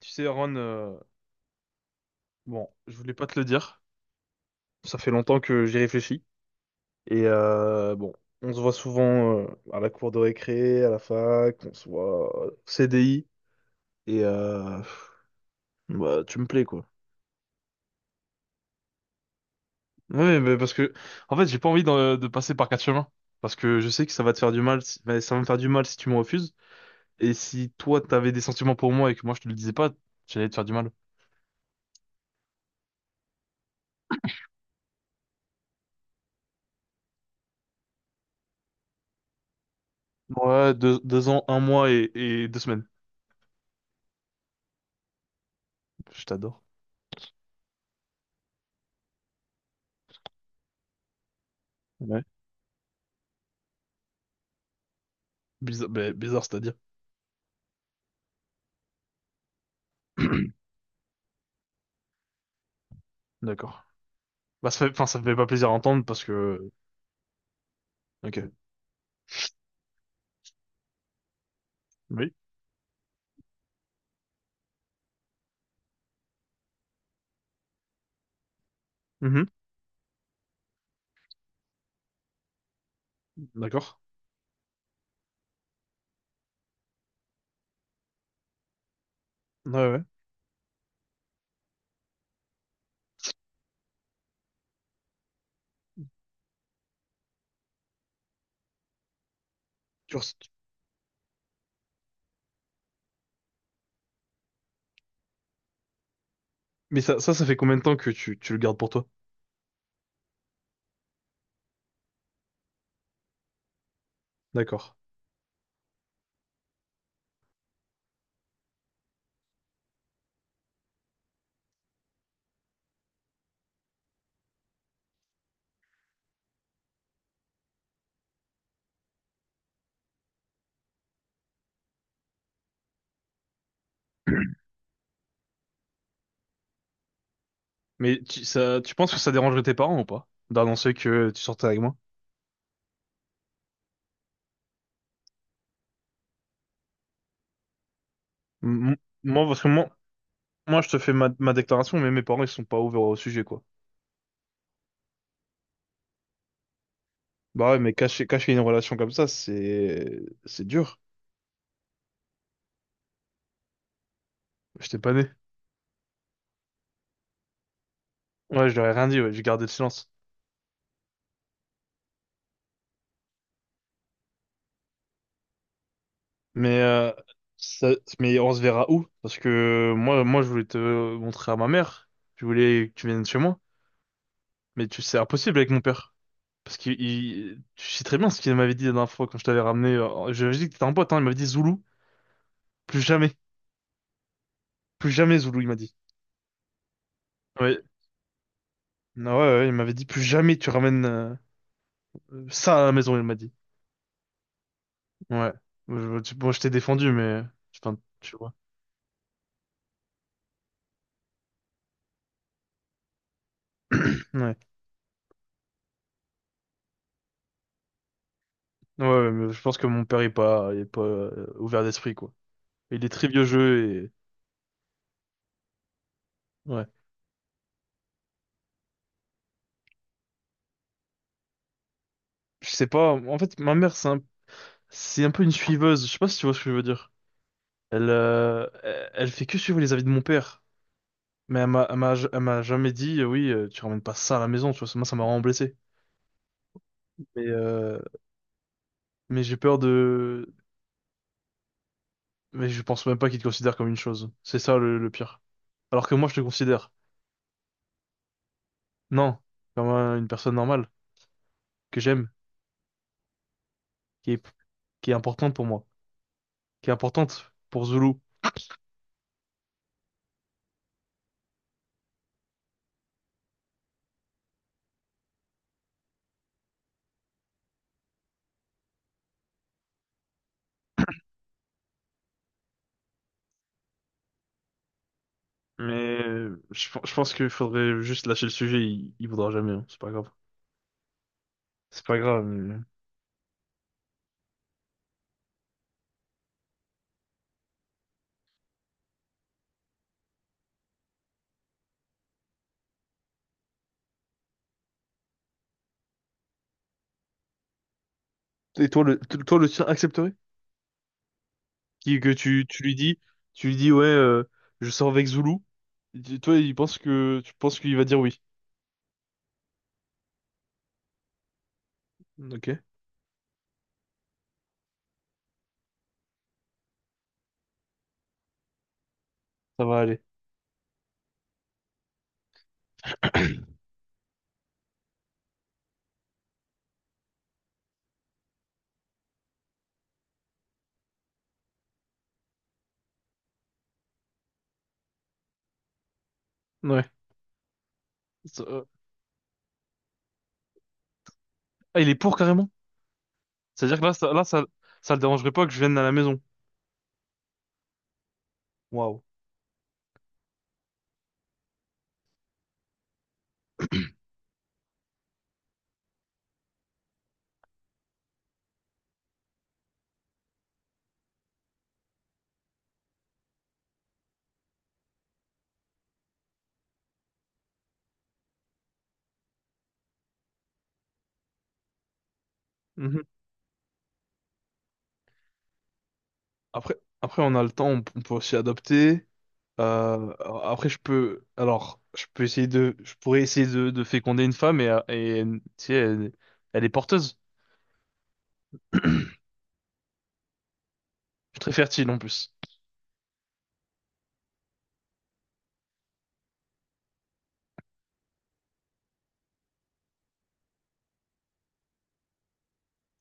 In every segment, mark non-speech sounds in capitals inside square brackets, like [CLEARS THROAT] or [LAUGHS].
Tu sais, Aaron, bon, je voulais pas te le dire. Ça fait longtemps que j'y réfléchis. Et bon, on se voit souvent à la cour de récré, à la fac, on se voit au CDI. Et bah, tu me plais, quoi. Ouais, mais parce que, en fait, j'ai pas envie de passer par quatre chemins. Parce que je sais que ça va te faire du mal, bah, ça va me faire du mal si tu me refuses. Et si toi, t'avais des sentiments pour moi et que moi, je te le disais pas, j'allais te faire du mal. Ouais, deux ans, 1 mois et 2 semaines. Je t'adore. Ouais. Bizarre, bah, bizarre, c'est-à-dire. [CLEARS THROAT] D'accord. Bah, ça fait, enfin, ça me fait pas plaisir à entendre parce que. Ok. Oui. Mhm. D'accord. Ouais, ouais. Tu res- Mais ça fait combien de temps que tu le gardes pour toi? D'accord. Mais ça, tu penses que ça dérangerait tes parents ou pas? D'annoncer que tu sortais avec moi? M- moi, parce que moi, je te fais ma déclaration, mais mes parents, ils sont pas ouverts au sujet, quoi. Bah ouais, mais cacher une relation comme ça, c'est dur. J'étais pas né. Ouais, je leur ai rien dit, ouais, j'ai gardé le silence. Mais, euh, ça- mais on se verra où? Parce que moi, je voulais te montrer à ma mère. Je voulais que tu viennes chez moi. Mais c'est impossible avec mon père. Parce que tu sais très bien ce qu'il m'avait dit la dernière fois quand je t'avais ramené. Je lui ai dit que t'étais un pote, hein. Il m'avait dit Zoulou. Plus jamais. Plus jamais Zoulou, il m'a dit. Ouais. Ah ouais, ouais, il m'avait dit plus jamais tu ramènes ça à la maison, il m'a dit. Ouais. Bon, je t'ai défendu, mais. Enfin, tu vois. [CLEARS THROAT] Ouais. Ouais, ouais, mais je pense que mon père est pas, il est pas ouvert d'esprit, quoi. Il est très vieux jeu. Ouais. Je sais pas. En fait, ma mère, c'est un peu une suiveuse. Je sais pas si tu vois ce que je veux dire. Elle, elle fait que suivre les avis de mon père. Mais elle m'a jamais dit, oui, tu ramènes pas ça à la maison, tu vois. Moi, ça m'a vraiment blessé. Mais, euh, mais j'ai peur de. Mais je pense même pas qu'il te considère comme une chose. C'est ça le pire. Alors que moi, je te considère. Non, comme une personne normale que j'aime, qui est, qui est importante pour moi, qui est importante pour Zulu. Mais je pense qu'il faudrait juste lâcher le sujet. Il voudra jamais, hein. C'est pas grave. C'est pas grave. Et toi, toi, le tien accepterait? Que tu lui dis, ouais, je sors avec Zulu. Toi, tu penses qu'il va dire oui. Ok, ça va aller. [CLEARS THROAT] Ouais. Ça- euh, Ah, il est pour carrément. C'est-à-dire que ça le dérangerait pas que je vienne à la maison. Waouh. Mhm. Après, après, on a le temps, on peut aussi adopter. Euh, après, alors, je pourrais essayer de féconder une femme et tu sais, elle est porteuse. [CLEARS THROAT] Je suis très fertile en plus.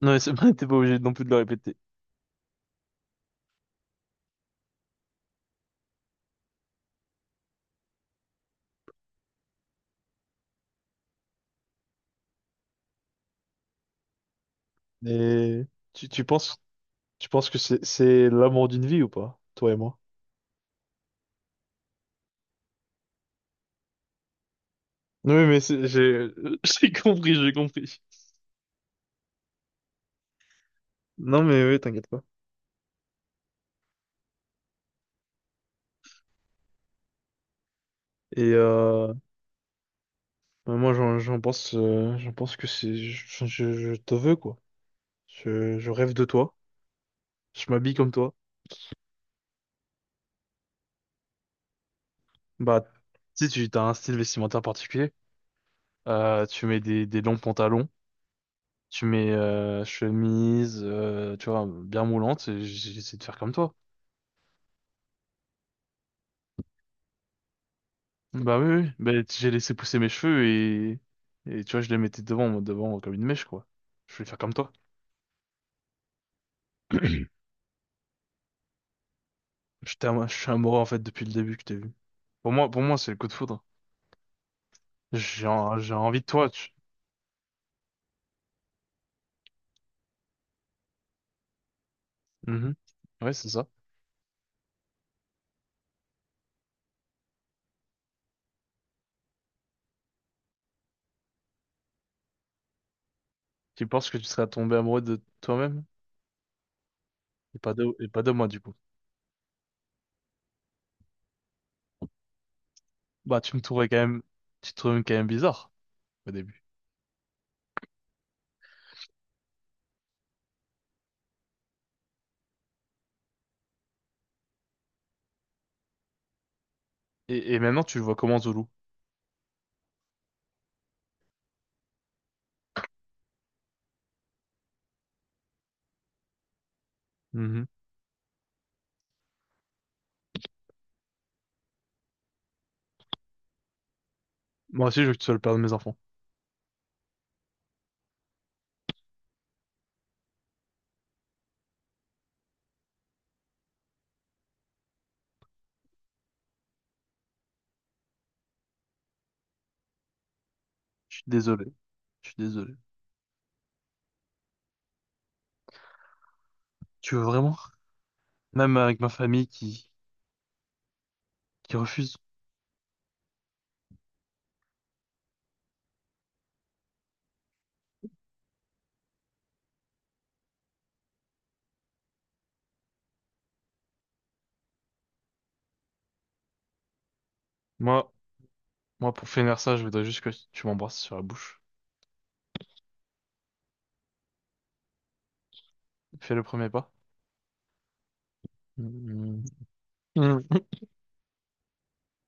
Non, mais c'est pas, [LAUGHS] t'es pas obligé non plus de le répéter. Mais tu, tu penses, tu penses que c'est l'amour d'une vie ou pas, toi et moi? Oui, mais [LAUGHS] j'ai compris. Non, mais oui, t'inquiète pas. Et bah, moi, j'en pense que je te veux quoi. Je rêve de toi. Je m'habille comme toi. Bah, si tu as un style vestimentaire particulier, tu mets des longs pantalons, tu mets chemise, tu vois, bien moulante, et j'essaie de faire comme toi. Bah oui, oui. Bah, j'ai laissé pousser mes cheveux et tu vois, je les mettais devant, moi, devant comme une mèche, quoi. Je voulais faire comme toi. [CLEARS THROAT] Je suis amoureux, en fait, depuis le début que t'as vu. Pour moi, c'est le coup de foudre. J'ai envie de toi. Mhm. Ouais, c'est ça. Tu penses que tu seras tombé amoureux de toi-même et pas de moi, du coup. Bah, tu te trouvais quand même bizarre au début. Et maintenant, tu le vois comment Zoulou? Mhm. Moi aussi, je veux que tu sois le père de mes enfants. Je suis désolé. Je suis désolé. Tu veux vraiment? Même avec ma famille qui refuse. Moi, moi, pour finir ça, je voudrais juste que tu m'embrasses sur la bouche. Fais le premier pas. Mhm.